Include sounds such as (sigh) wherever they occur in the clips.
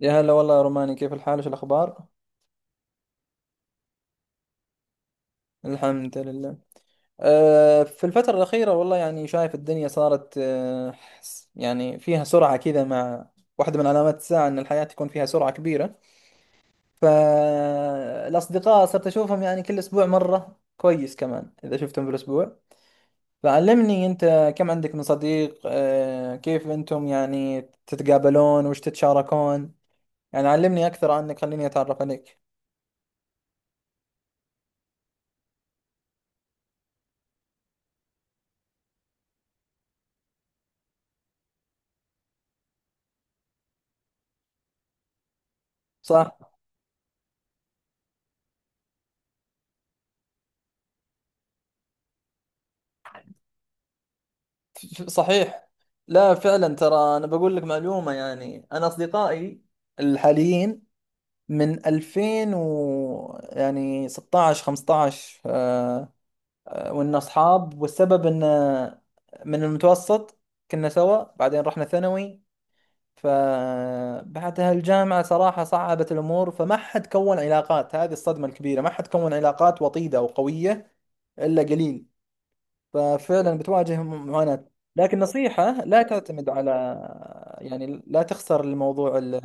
يا هلا والله يا روماني، كيف الحال؟ وش الأخبار؟ الحمد لله. في الفترة الأخيرة والله يعني شايف الدنيا صارت يعني فيها سرعة كذا، مع واحدة من علامات الساعة أن الحياة تكون فيها سرعة كبيرة. فالأصدقاء صرت أشوفهم يعني كل أسبوع مرة، كويس كمان إذا شفتهم بالأسبوع. فعلمني أنت، كم عندك من صديق؟ كيف أنتم يعني تتقابلون؟ وش تتشاركون؟ يعني علمني أكثر عنك، خليني أتعرف عليك. صح. صحيح. لا فعلا، ترى انا بقول لك معلومه، يعني انا اصدقائي الحاليين من 2000 و يعني 16 15 وإن اصحاب، والسبب ان من المتوسط كنا سوا، بعدين رحنا ثانوي. فبعدها الجامعه صراحه صعبت الامور، فما حد كون علاقات. هذه الصدمه الكبيره، ما حد كون علاقات وطيده وقويه الا قليل. ففعلا بتواجههم معاناة. لكن نصيحة، لا تعتمد على يعني لا تخسر الموضوع.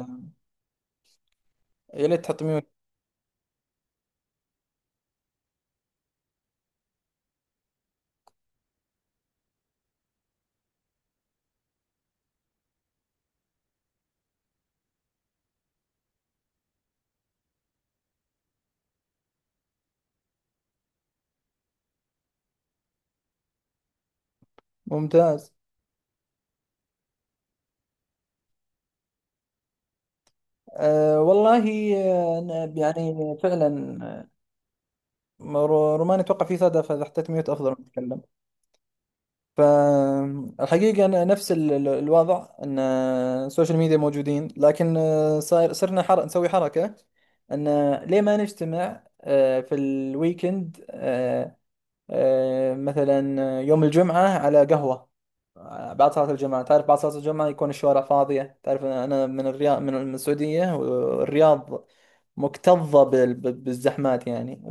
يا ليت تحط ميوت. ممتاز. والله. أنا يعني فعلا روماني، اتوقع في صدى، فاذا حطيت ميوت افضل ما اتكلم. فالحقيقة أنا نفس الوضع، ان السوشيال ميديا موجودين، لكن صاير صرنا نسوي حركة ان ليه ما نجتمع في الويكند، مثلا يوم الجمعة على قهوة، بعد صلاة الجمعة. تعرف بعد صلاة الجمعة يكون الشوارع فاضية. تعرف أنا من الرياض، من السعودية. والرياض مكتظة بالزحمات يعني،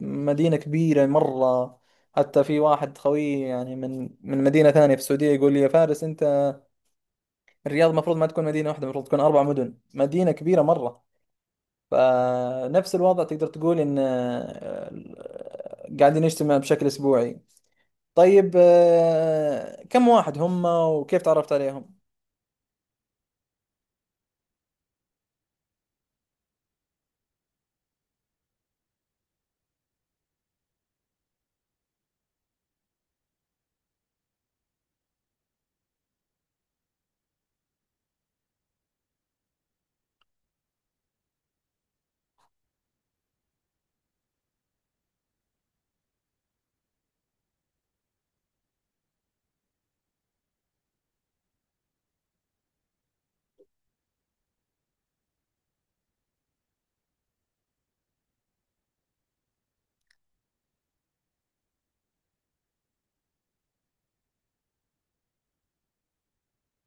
ومدينة كبيرة مرة. حتى في واحد خوي يعني من مدينة ثانية في السعودية يقول لي: يا فارس، أنت الرياض المفروض ما تكون مدينة واحدة، المفروض تكون أربع مدن، مدينة كبيرة مرة. فنفس الوضع، تقدر تقول إن قاعدين نجتمع بشكل أسبوعي. طيب، كم واحد هم؟ وكيف تعرفت عليهم؟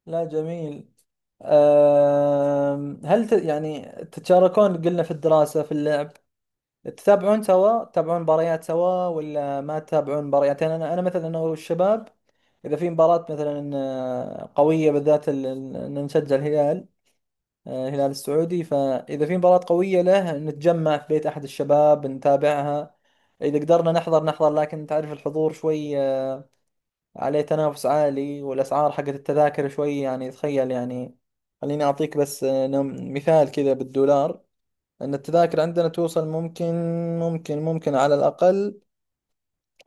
لا جميل. هل يعني تتشاركون؟ قلنا في الدراسة، في اللعب، تتابعون سوا؟ تتابعون مباريات سوا ولا ما تتابعون مباريات؟ يعني أنا مثلا، أنا والشباب إذا في مباراة مثلا قوية، بالذات إن نشجع الهلال، الهلال السعودي. فإذا في مباراة قوية له نتجمع في بيت أحد الشباب نتابعها. إذا قدرنا نحضر نحضر، لكن تعرف الحضور شوي عليه تنافس عالي، والأسعار حقت التذاكر شوي يعني، تخيل يعني. خليني أعطيك بس مثال كذا بالدولار، أن التذاكر عندنا توصل، ممكن ممكن على الأقل،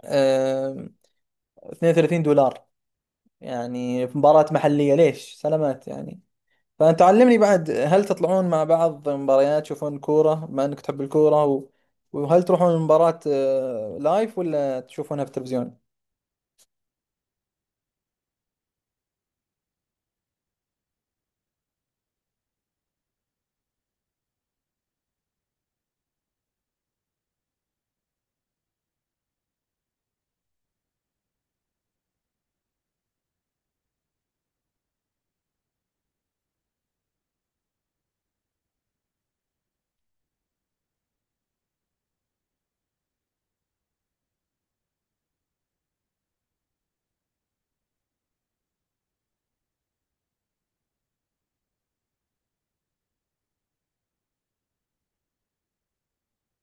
آه، 32 دولار يعني في مباراة محلية، ليش؟ سلامات يعني. فأنت علمني بعد، هل تطلعون مع بعض مباريات؟ تشوفون كورة بما أنك تحب الكورة؟ و... وهل تروحون مباراة لايف ولا تشوفونها في التلفزيون؟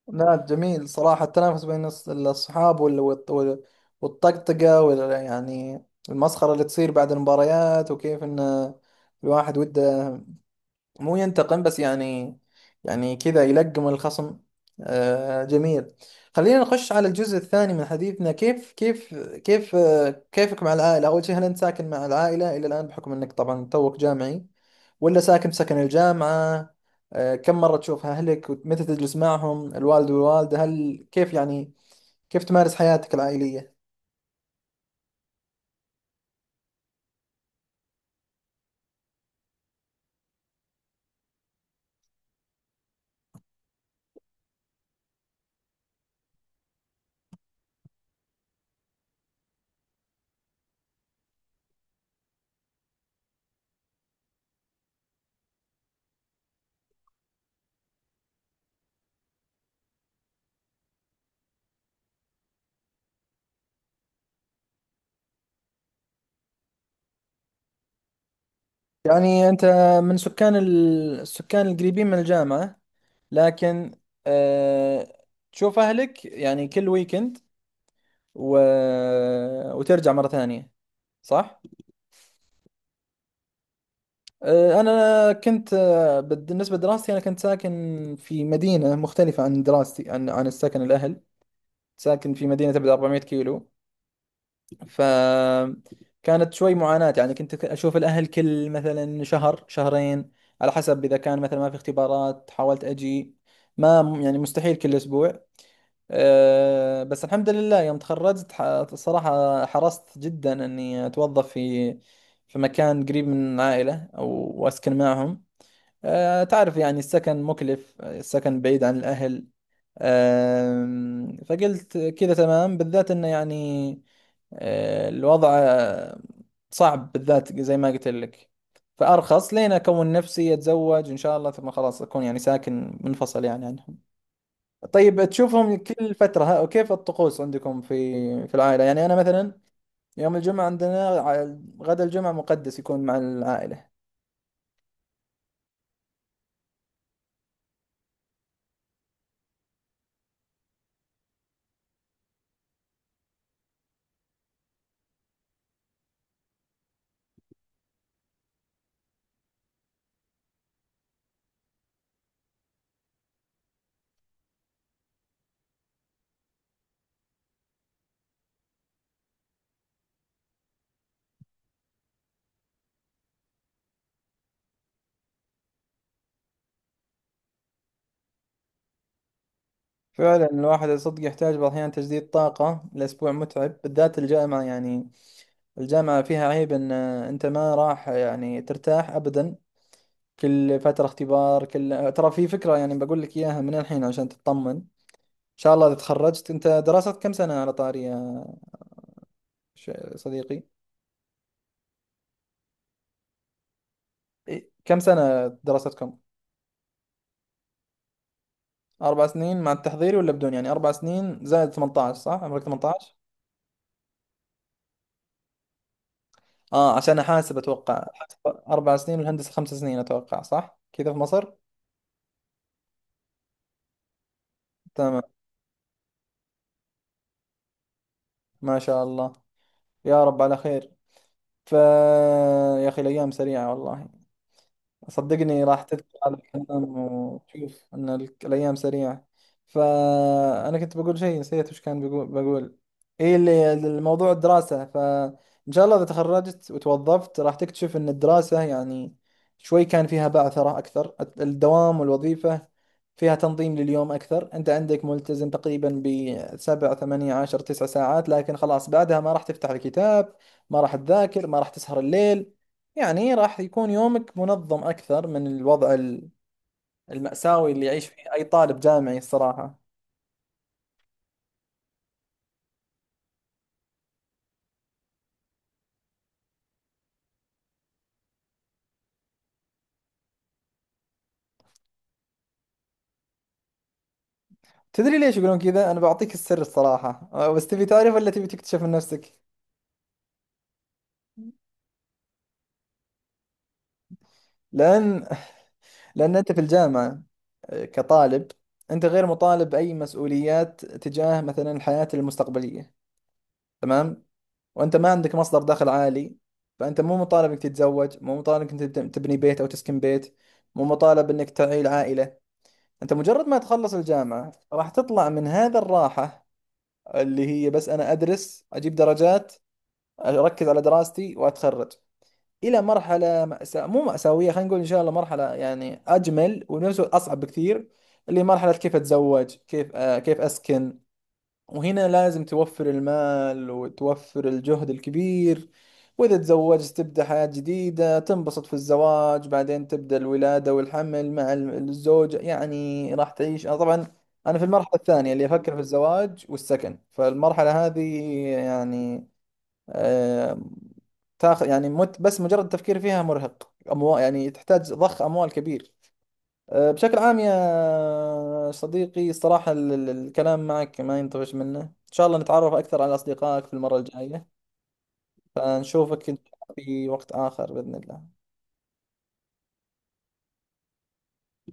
لا جميل صراحة، التنافس بين الأصحاب والطقطقة يعني المسخرة اللي تصير بعد المباريات، وكيف إن الواحد وده، مو ينتقم بس يعني، يعني كذا يلقم الخصم. آه جميل. خلينا نخش على الجزء الثاني من حديثنا. كيفك مع العائلة؟ أول شيء، هل أنت ساكن مع العائلة إلى الآن، بحكم أنك طبعا توك جامعي، ولا ساكن بسكن الجامعة؟ آه، كم مرة تشوف أهلك؟ ومتى تجلس معهم، الوالد والوالدة؟ هل كيف يعني كيف تمارس حياتك العائلية؟ يعني أنت من سكان السكان القريبين من الجامعة، لكن أه تشوف أهلك يعني كل ويكند، و... وترجع مرة ثانية، صح؟ أه، أنا كنت بالنسبة لدراستي، أنا كنت ساكن في مدينة مختلفة عن دراستي، عن السكن الأهل. ساكن في مدينة تبعد 400 كيلو، فكانت شوي معاناة يعني. كنت أشوف الأهل كل مثلا شهر شهرين، على حسب إذا كان مثلا ما في اختبارات حاولت أجي. ما يعني مستحيل كل أسبوع. بس الحمد لله، يوم تخرجت صراحة حرصت جدا أني أتوظف في في مكان قريب من العائلة، أو وأسكن معهم. تعرف يعني السكن مكلف، السكن بعيد عن الأهل. فقلت كذا تمام، بالذات انه يعني الوضع صعب، بالذات زي ما قلت لك. فارخص لين اكون نفسي اتزوج ان شاء الله، ثم خلاص اكون يعني ساكن منفصل يعني عنهم. طيب تشوفهم كل فترة، ها، وكيف الطقوس عندكم في في العائلة؟ يعني انا مثلا يوم الجمعة عندنا غدا الجمعة مقدس يكون مع العائلة. فعلا، الواحد صدق يحتاج بعض الأحيان تجديد طاقة. الأسبوع متعب بالذات الجامعة يعني، الجامعة فيها عيب ان انت ما راح يعني ترتاح ابدا، كل فترة اختبار. كل ترى في فكرة يعني بقول لك اياها من الحين عشان تطمن. ان شاء الله اذا تخرجت، انت دراستك كم سنة على طاري يا صديقي؟ إيه، كم سنة دراستكم؟ 4 سنين مع التحضيري ولا بدون؟ يعني 4 سنين زائد 18، صح عمرك 18؟ اه عشان احاسب اتوقع. 4 سنين، والهندسة 5 سنين اتوقع، صح كذا في مصر؟ تمام. ما شاء الله، يا رب على خير. ف يا اخي الايام سريعة والله. صدقني راح تذكر هذا الكلام وتشوف ان الايام سريعه. فانا كنت بقول شيء نسيت وش كان، بقول بقول ايه اللي الموضوع الدراسه. فان شاء الله اذا تخرجت وتوظفت راح تكتشف ان الدراسه يعني شوي كان فيها بعثره اكثر. الدوام والوظيفه فيها تنظيم لليوم اكثر، انت عندك ملتزم تقريبا بسبع ثمانية عشر تسع ساعات، لكن خلاص بعدها ما راح تفتح الكتاب، ما راح تذاكر، ما راح تسهر الليل. يعني راح يكون يومك منظم أكثر من الوضع المأساوي اللي يعيش فيه أي طالب جامعي الصراحة. تدري ليش يقولون كذا؟ أنا بعطيك السر الصراحة، بس تبي تعرف ولا تبي تكتشف من نفسك؟ لأن (laughs) لأن أنت في الجامعة كطالب، أنت غير مطالب أي مسؤوليات تجاه مثلا الحياة المستقبلية، تمام؟ وأنت ما عندك مصدر دخل عالي، فأنت مو مطالب إنك تتزوج، مو مطالب إنك تبني بيت أو تسكن بيت، مو مطالب إنك تعيل عائلة. انت مجرد ما تخلص الجامعة راح تطلع من هذا الراحة، اللي هي بس انا ادرس اجيب درجات اركز على دراستي واتخرج، الى مرحلة مأساة، مو مأساوية، خلينا نقول ان شاء الله مرحلة يعني اجمل وبنفس الوقت اصعب بكثير، اللي هي مرحلة كيف اتزوج، كيف آه كيف اسكن. وهنا لازم توفر المال وتوفر الجهد الكبير. وإذا تزوجت تبدأ حياة جديدة، تنبسط في الزواج، بعدين تبدأ الولادة والحمل مع الزوجة. يعني راح تعيش، أنا طبعا أنا في المرحلة الثانية اللي أفكر في الزواج والسكن، فالمرحلة هذه يعني آه، تاخذ يعني مت بس مجرد التفكير فيها مرهق أموال يعني، تحتاج ضخ أموال كبير. بشكل عام يا صديقي، الصراحة الكلام معك ما ينطفش منه. إن شاء الله نتعرف أكثر على أصدقائك في المرة الجاية، فنشوفك إن شاء الله في وقت آخر بإذن الله.